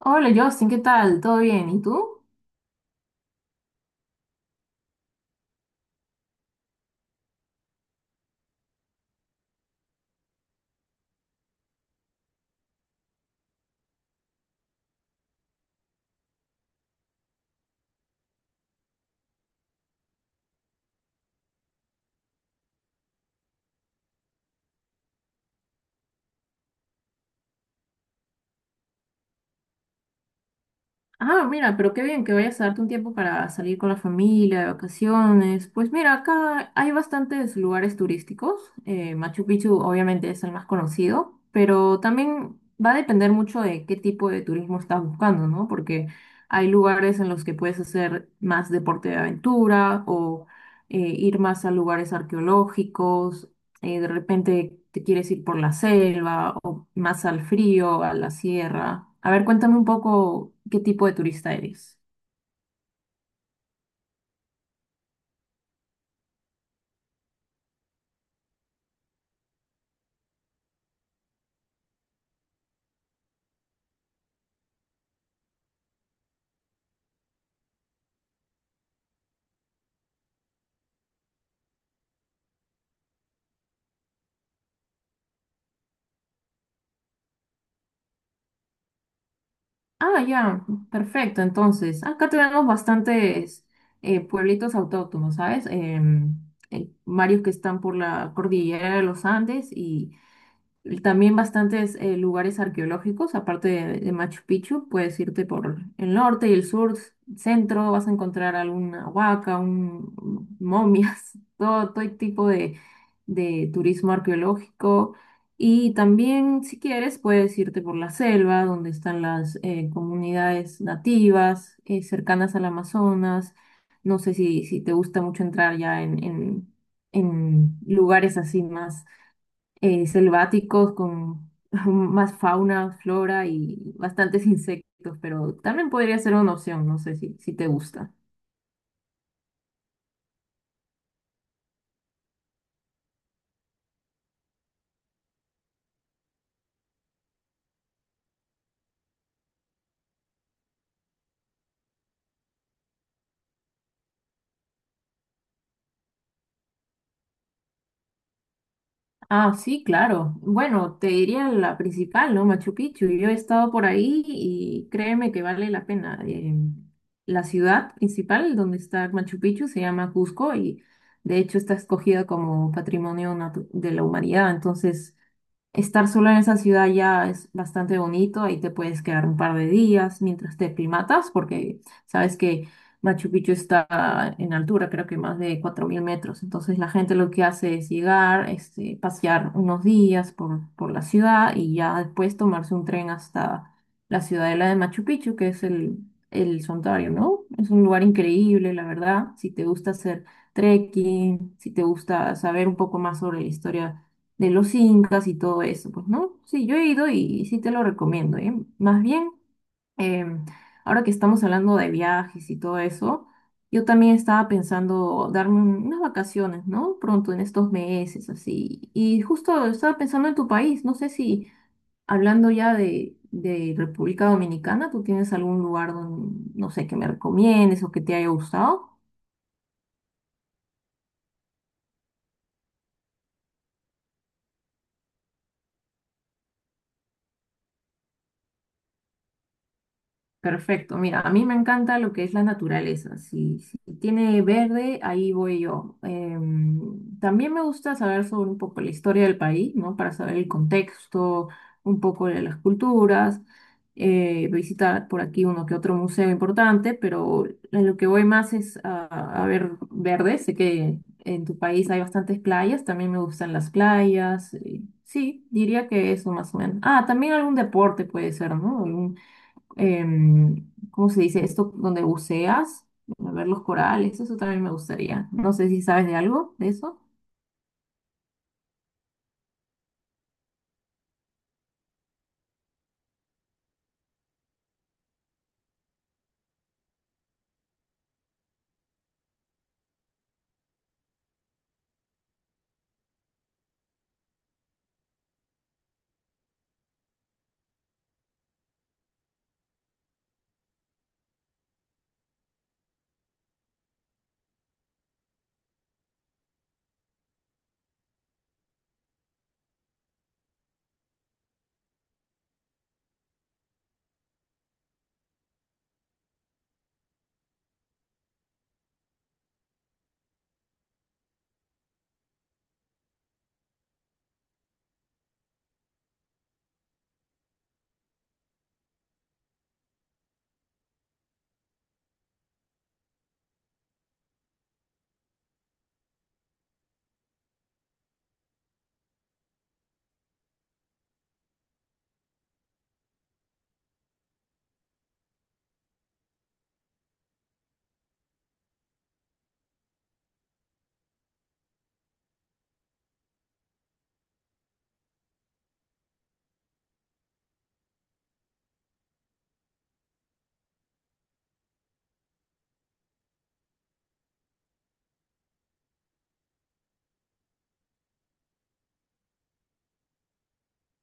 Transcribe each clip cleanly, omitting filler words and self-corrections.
Hola Justin, ¿qué tal? ¿Todo bien? ¿Y tú? Ah, mira, pero qué bien que vayas a darte un tiempo para salir con la familia, de vacaciones. Pues mira, acá hay bastantes lugares turísticos. Machu Picchu obviamente es el más conocido, pero también va a depender mucho de qué tipo de turismo estás buscando, ¿no? Porque hay lugares en los que puedes hacer más deporte de aventura o ir más a lugares arqueológicos. De repente te quieres ir por la selva o más al frío, a la sierra. A ver, cuéntame un poco qué tipo de turista eres. Ah, ya, perfecto. Entonces, acá tenemos bastantes pueblitos autóctonos, ¿sabes? Varios que están por la cordillera de los Andes y también bastantes lugares arqueológicos, aparte de Machu Picchu. Puedes irte por el norte y el sur, centro, vas a encontrar alguna huaca, un, momias, todo, todo tipo de turismo arqueológico. Y también, si quieres, puedes irte por la selva, donde están las comunidades nativas cercanas al Amazonas. No sé si te gusta mucho entrar ya en lugares así más selváticos con más fauna, flora y bastantes insectos, pero también podría ser una opción, no sé si te gusta. Ah, sí, claro. Bueno, te diría la principal, ¿no? Machu Picchu. Yo he estado por ahí y créeme que vale la pena. La ciudad principal donde está Machu Picchu se llama Cusco y de hecho está escogida como Patrimonio Natu- de la Humanidad. Entonces, estar sola en esa ciudad ya es bastante bonito, ahí te puedes quedar un par de días mientras te primatas, porque sabes que Machu Picchu está en altura, creo que más de 4000 metros. Entonces la gente lo que hace es llegar, este, pasear unos días por la ciudad y ya después tomarse un tren hasta la ciudadela de Machu Picchu, que es el santuario, ¿no? Es un lugar increíble, la verdad, si te gusta hacer trekking, si te gusta saber un poco más sobre la historia de los incas y todo eso, pues, ¿no? Sí, yo he ido y sí te lo recomiendo, ¿eh? Más bien, em, ahora que estamos hablando de viajes y todo eso, yo también estaba pensando darme unas vacaciones, ¿no? Pronto en estos meses, así. Y justo estaba pensando en tu país, no sé si hablando ya de República Dominicana, ¿tú tienes algún lugar donde, no sé, que me recomiendes o que te haya gustado? Perfecto, mira, a mí me encanta lo que es la naturaleza. Si tiene verde, ahí voy yo. También me gusta saber sobre un poco la historia del país, ¿no? Para saber el contexto, un poco de las culturas, visitar por aquí uno que otro museo importante, pero en lo que voy más es a ver verde. Sé que en tu país hay bastantes playas, también me gustan las playas. Sí, diría que eso más o menos. Ah, también algún deporte puede ser, ¿no? ¿Cómo se dice esto? Donde buceas, a ver los corales, eso también me gustaría. No sé si sabes de algo de eso.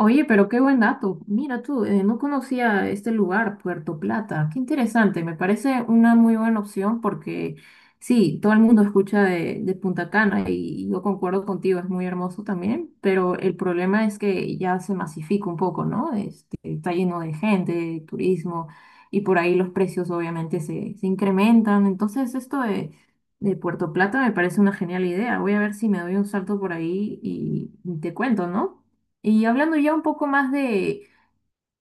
Oye, pero qué buen dato. Mira tú, no conocía este lugar, Puerto Plata. Qué interesante, me parece una muy buena opción porque sí, todo el mundo escucha de Punta Cana y yo concuerdo contigo, es muy hermoso también, pero el problema es que ya se masifica un poco, ¿no? Este, está lleno de gente, de turismo y por ahí los precios obviamente se incrementan. Entonces, esto de Puerto Plata me parece una genial idea. Voy a ver si me doy un salto por ahí y te cuento, ¿no? Y hablando ya un poco más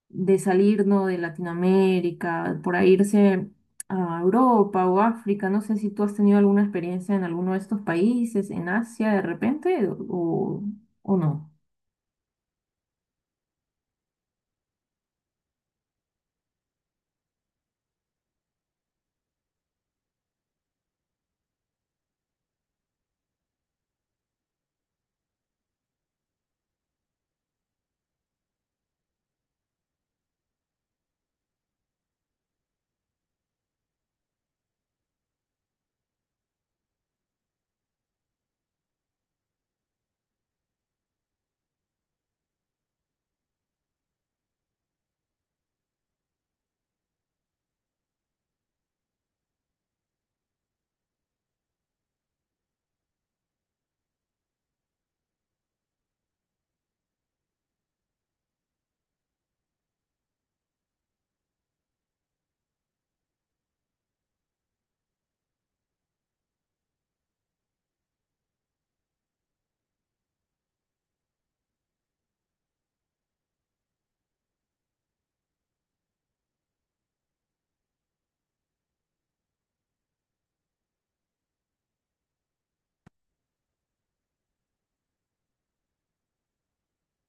de salir, ¿no? De Latinoamérica, por ahí irse a Europa o África, no sé si tú has tenido alguna experiencia en alguno de estos países, en Asia de repente, o no.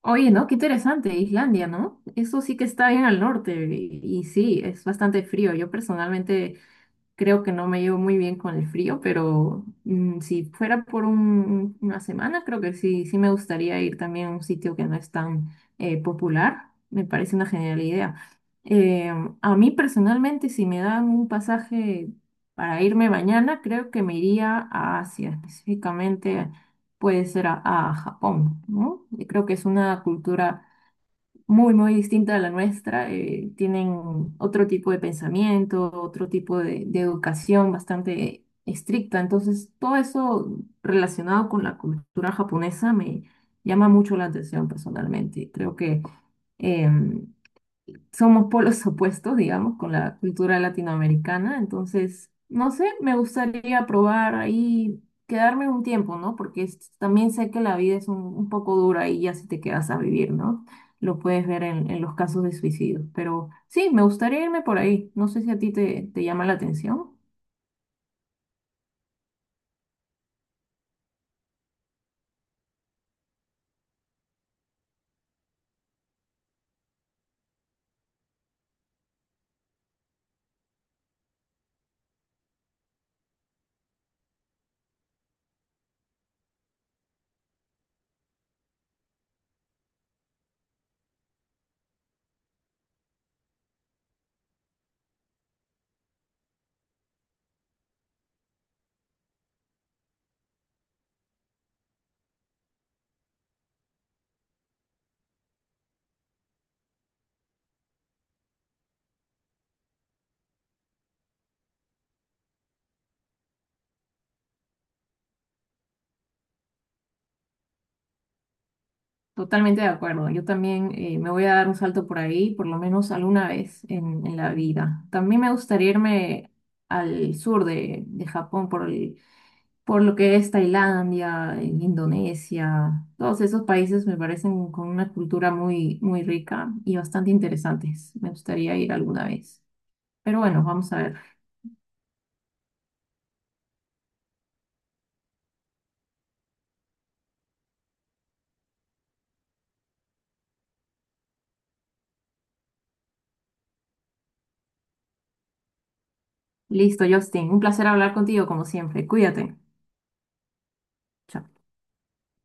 Oye, ¿no? Qué interesante, Islandia, ¿no? Eso sí que está bien al norte y sí, es bastante frío. Yo personalmente creo que no me llevo muy bien con el frío, pero si fuera por una semana, creo que sí, sí me gustaría ir también a un sitio que no es tan popular. Me parece una genial idea. Eh, a mí personalmente, si me dan un pasaje para irme mañana, creo que me iría a Asia, específicamente puede ser a Japón, ¿no? Y creo que es una cultura muy, muy distinta a la nuestra. Tienen otro tipo de pensamiento, otro tipo de educación bastante estricta. Entonces, todo eso relacionado con la cultura japonesa me llama mucho la atención personalmente. Creo que em, somos polos opuestos, digamos, con la cultura latinoamericana. Entonces, no sé, me gustaría probar ahí, quedarme un tiempo, ¿no? Porque también sé que la vida es un poco dura y ya si te quedas a vivir, ¿no? Lo puedes ver en los casos de suicidios. Pero sí, me gustaría irme por ahí. No sé si a ti te llama la atención. Totalmente de acuerdo. Yo también me voy a dar un salto por ahí, por lo menos alguna vez en la vida. También me gustaría irme al sur de Japón por el, por lo que es Tailandia, en Indonesia, todos esos países me parecen con una cultura muy, muy rica y bastante interesantes. Me gustaría ir alguna vez. Pero bueno, vamos a ver. Listo, Justin, un placer hablar contigo como siempre. Cuídate. Chao.